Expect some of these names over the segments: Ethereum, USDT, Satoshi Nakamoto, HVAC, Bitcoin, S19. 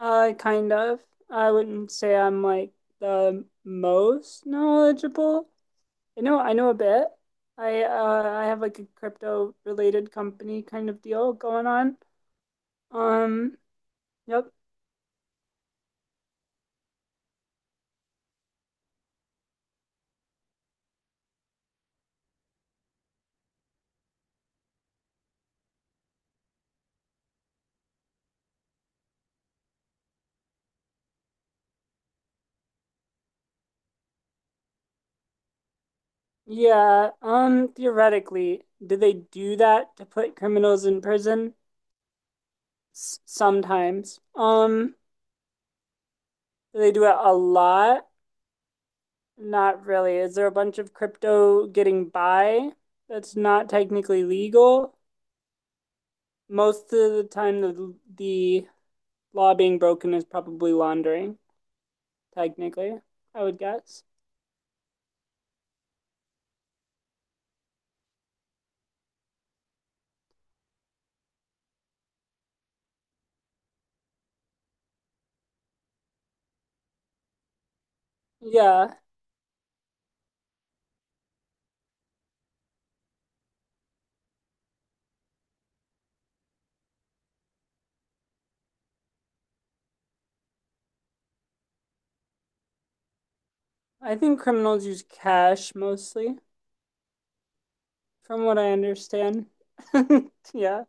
Kind of. I wouldn't say I'm like the most knowledgeable. I know a bit. I have like a crypto related company kind of deal going on. Um, yep. Yeah, theoretically, do they do that to put criminals in prison? S Sometimes. Do they do it a lot? Not really. Is there a bunch of crypto getting by that's not technically legal? Most of the time, the law being broken is probably laundering, technically, I would guess. Yeah, I think criminals use cash mostly, from what I understand. Yeah.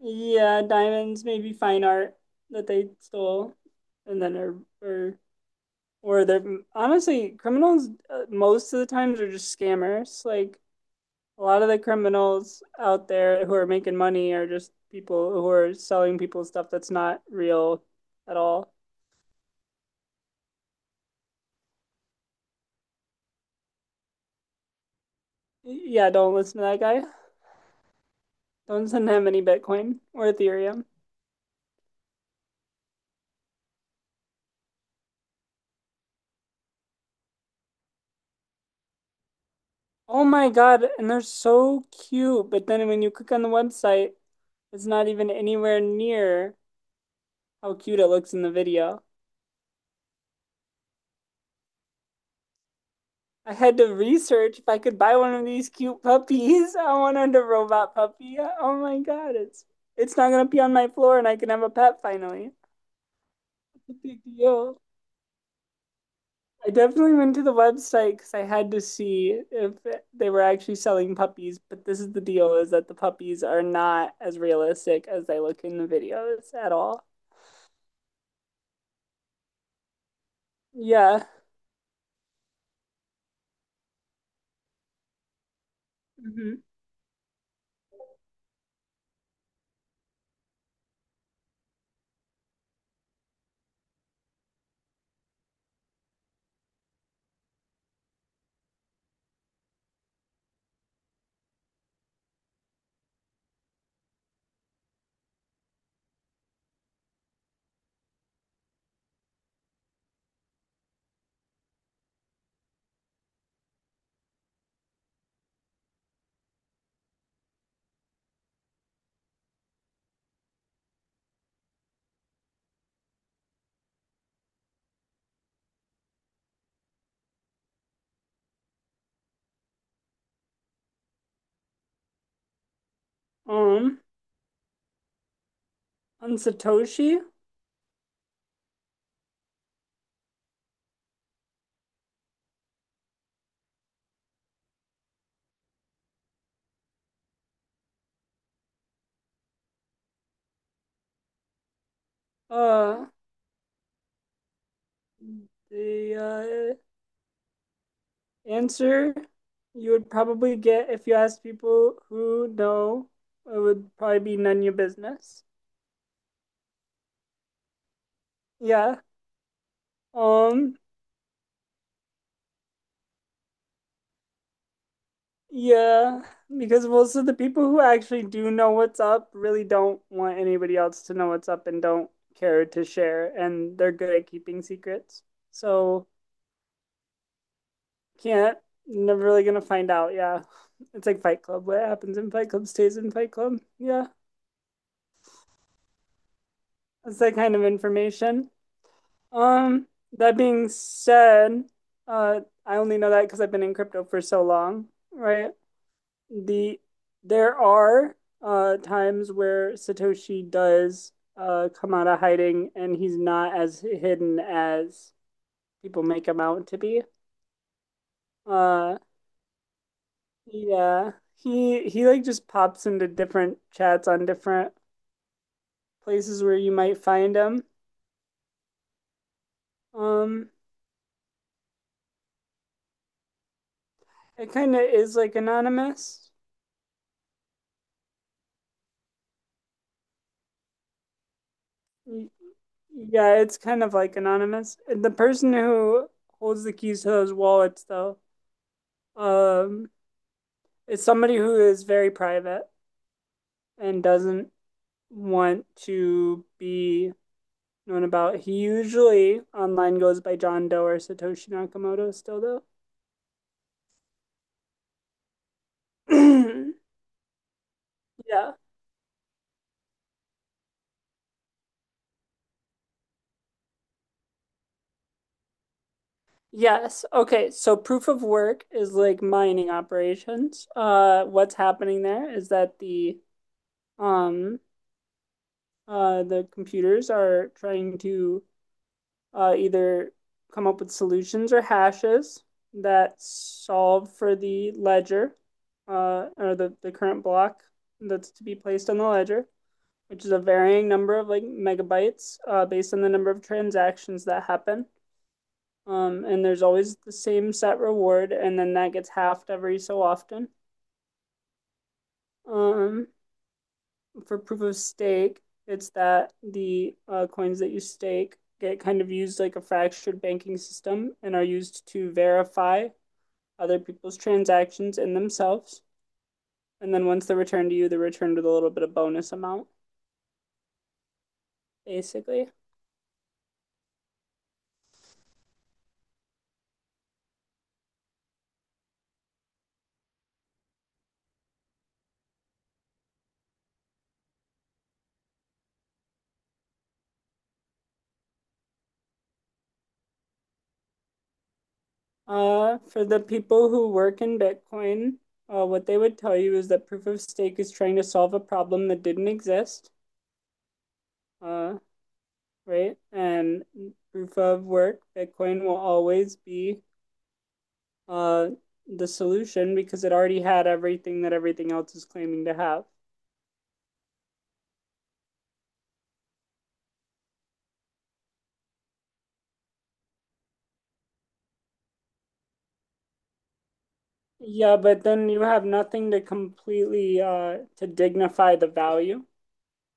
Yeah, diamonds, maybe fine art that they stole, and then are or they're honestly criminals. Most of the times are just scammers. Like, a lot of the criminals out there who are making money are just people who are selling people stuff that's not real at all. Yeah, don't listen to that guy. Don't send him any Bitcoin or Ethereum. Oh my God, and they're so cute. But then when you click on the website, it's not even anywhere near how cute it looks in the video. I had to research if I could buy one of these cute puppies. I wanted a robot puppy. Oh my God, it's not gonna be on my floor and I can have a pet finally. Big deal. I definitely went to the website because I had to see if they were actually selling puppies. But this is the deal: is that the puppies are not as realistic as they look in the videos at all. Yeah. hmm Um, on Satoshi, uh, the answer you would probably get if you asked people who know, it would probably be none of your business. Yeah. Um, Yeah, because most of the people who actually do know what's up really don't want anybody else to know what's up and don't care to share, and they're good at keeping secrets. So can't, never really gonna find out. Yeah, it's like Fight Club. What happens in Fight Club stays in Fight Club. Yeah, that's that kind of information. Um, that being said, I only know that because I've been in crypto for so long, right? The there are times where Satoshi does come out of hiding and he's not as hidden as people make him out to be. Uh yeah. He like just pops into different chats on different places where you might find him. Um it kind of is like anonymous. Yeah, it's kind of like anonymous. And the person who holds the keys to those wallets though, um it's somebody who is very private and doesn't want to be known about. He usually online goes by John Doe or Satoshi Nakamoto still though. Yeah. Yes. Okay. So proof of work is like mining operations. What's happening there is that um the computers are trying to either come up with solutions or hashes that solve for the ledger or the current block that's to be placed on the ledger, which is a varying number of like megabytes based on the number of transactions that happen. And there's always the same set reward, and then that gets halved every so often. Um, for proof of stake, it's that the coins that you stake get kind of used like a fractured banking system and are used to verify other people's transactions in themselves. And then once they're returned to you, they're returned with a little bit of bonus amount, basically. For the people who work in Bitcoin, what they would tell you is that proof of stake is trying to solve a problem that didn't exist, uh, right? And proof of work, Bitcoin will always be uh, the solution because it already had everything that everything else is claiming to have. Yeah, but then you have nothing to completely to dignify the value.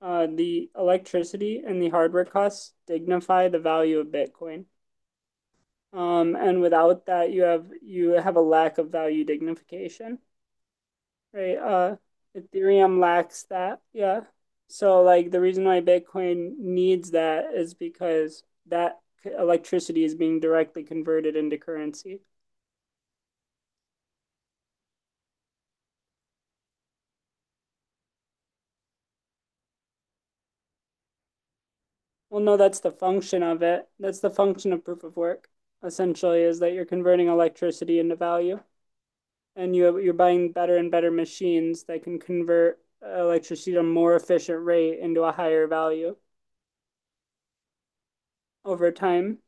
The electricity and the hardware costs dignify the value of Bitcoin. And without that, you have a lack of value dignification. Right. Ethereum lacks that. Yeah. So like the reason why Bitcoin needs that is because that electricity is being directly converted into currency. Well, no, that's the function of it. That's the function of proof of work, essentially, is that you're converting electricity into value and you're buying better and better machines that can convert electricity at a more efficient rate into a higher value over time.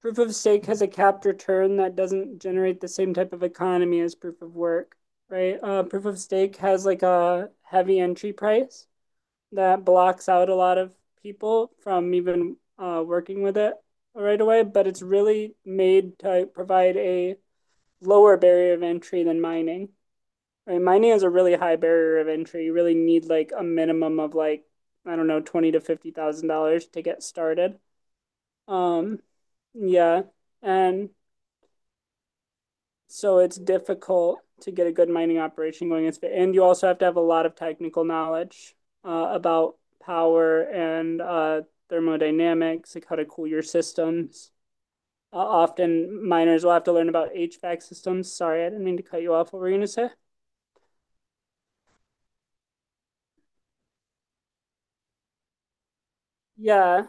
Proof of stake has a capped return that doesn't generate the same type of economy as proof of work, right? Proof of stake has like a heavy entry price that blocks out a lot of people from even working with it right away, but it's really made to provide a lower barrier of entry than mining. Right? Mining is a really high barrier of entry. You really need like a minimum of like I don't know twenty to fifty thousand dollars to get started. Um, yeah, and So it's difficult to get a good mining operation going. And you also have to have a lot of technical knowledge about power and thermodynamics, like how to cool your systems. Often miners will have to learn about HVAC systems. Sorry, I didn't mean to cut you off. What were you gonna say? Yeah,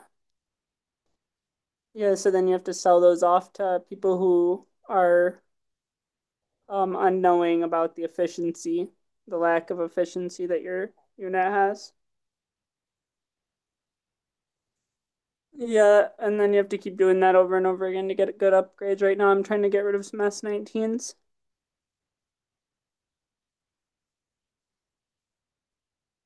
yeah. So then you have to sell those off to people who are unknowing about the efficiency, the lack of efficiency that your unit has. Yeah, and then you have to keep doing that over and over again to get good upgrades. Right now, I'm trying to get rid of some S19s.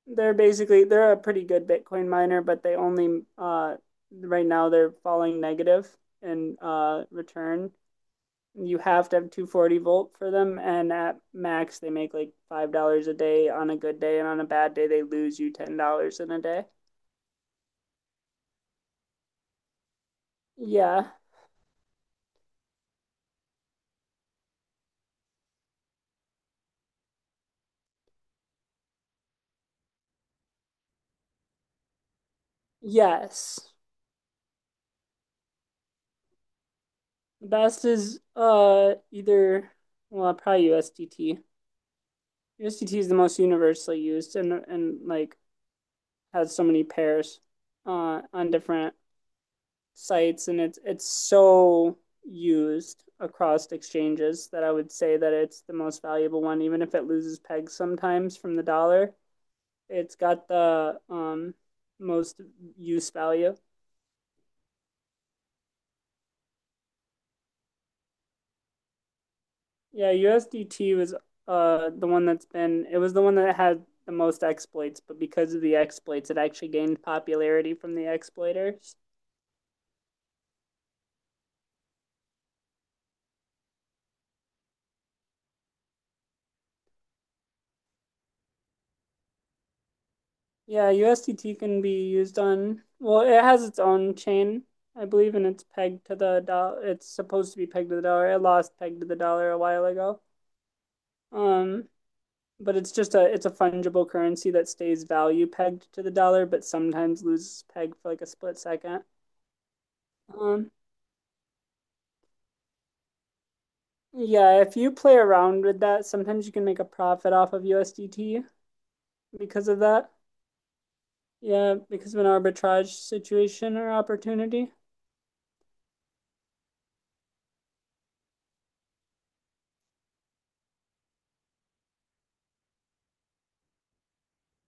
They're a pretty good Bitcoin miner, but they only right now they're falling negative in return. You have to have 240 volt for them, and at max they make like $5 a day on a good day, and on a bad day they lose you $10 in a day. Yeah. Yes. The best is either, well, probably USDT. USDT is the most universally used and like has so many pairs on different sites and it's so used across exchanges that I would say that it's the most valuable one even if it loses pegs sometimes from the dollar. It's got the most use value. Yeah, USDT was the one that's been, it was the one that had the most exploits, but because of the exploits it actually gained popularity from the exploiters. Yeah, USDT can be used on, well, it has its own chain, I believe, and it's pegged to the dollar. It's supposed to be pegged to the dollar. It lost pegged to the dollar a while ago. Um, but it's just a it's a fungible currency that stays value pegged to the dollar, but sometimes loses peg for like a split second. Um, yeah, if you play around with that, sometimes you can make a profit off of USDT because of that. Yeah, because of an arbitrage situation or opportunity.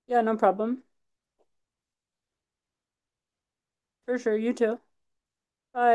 Yeah, no problem. For sure, you too. Bye.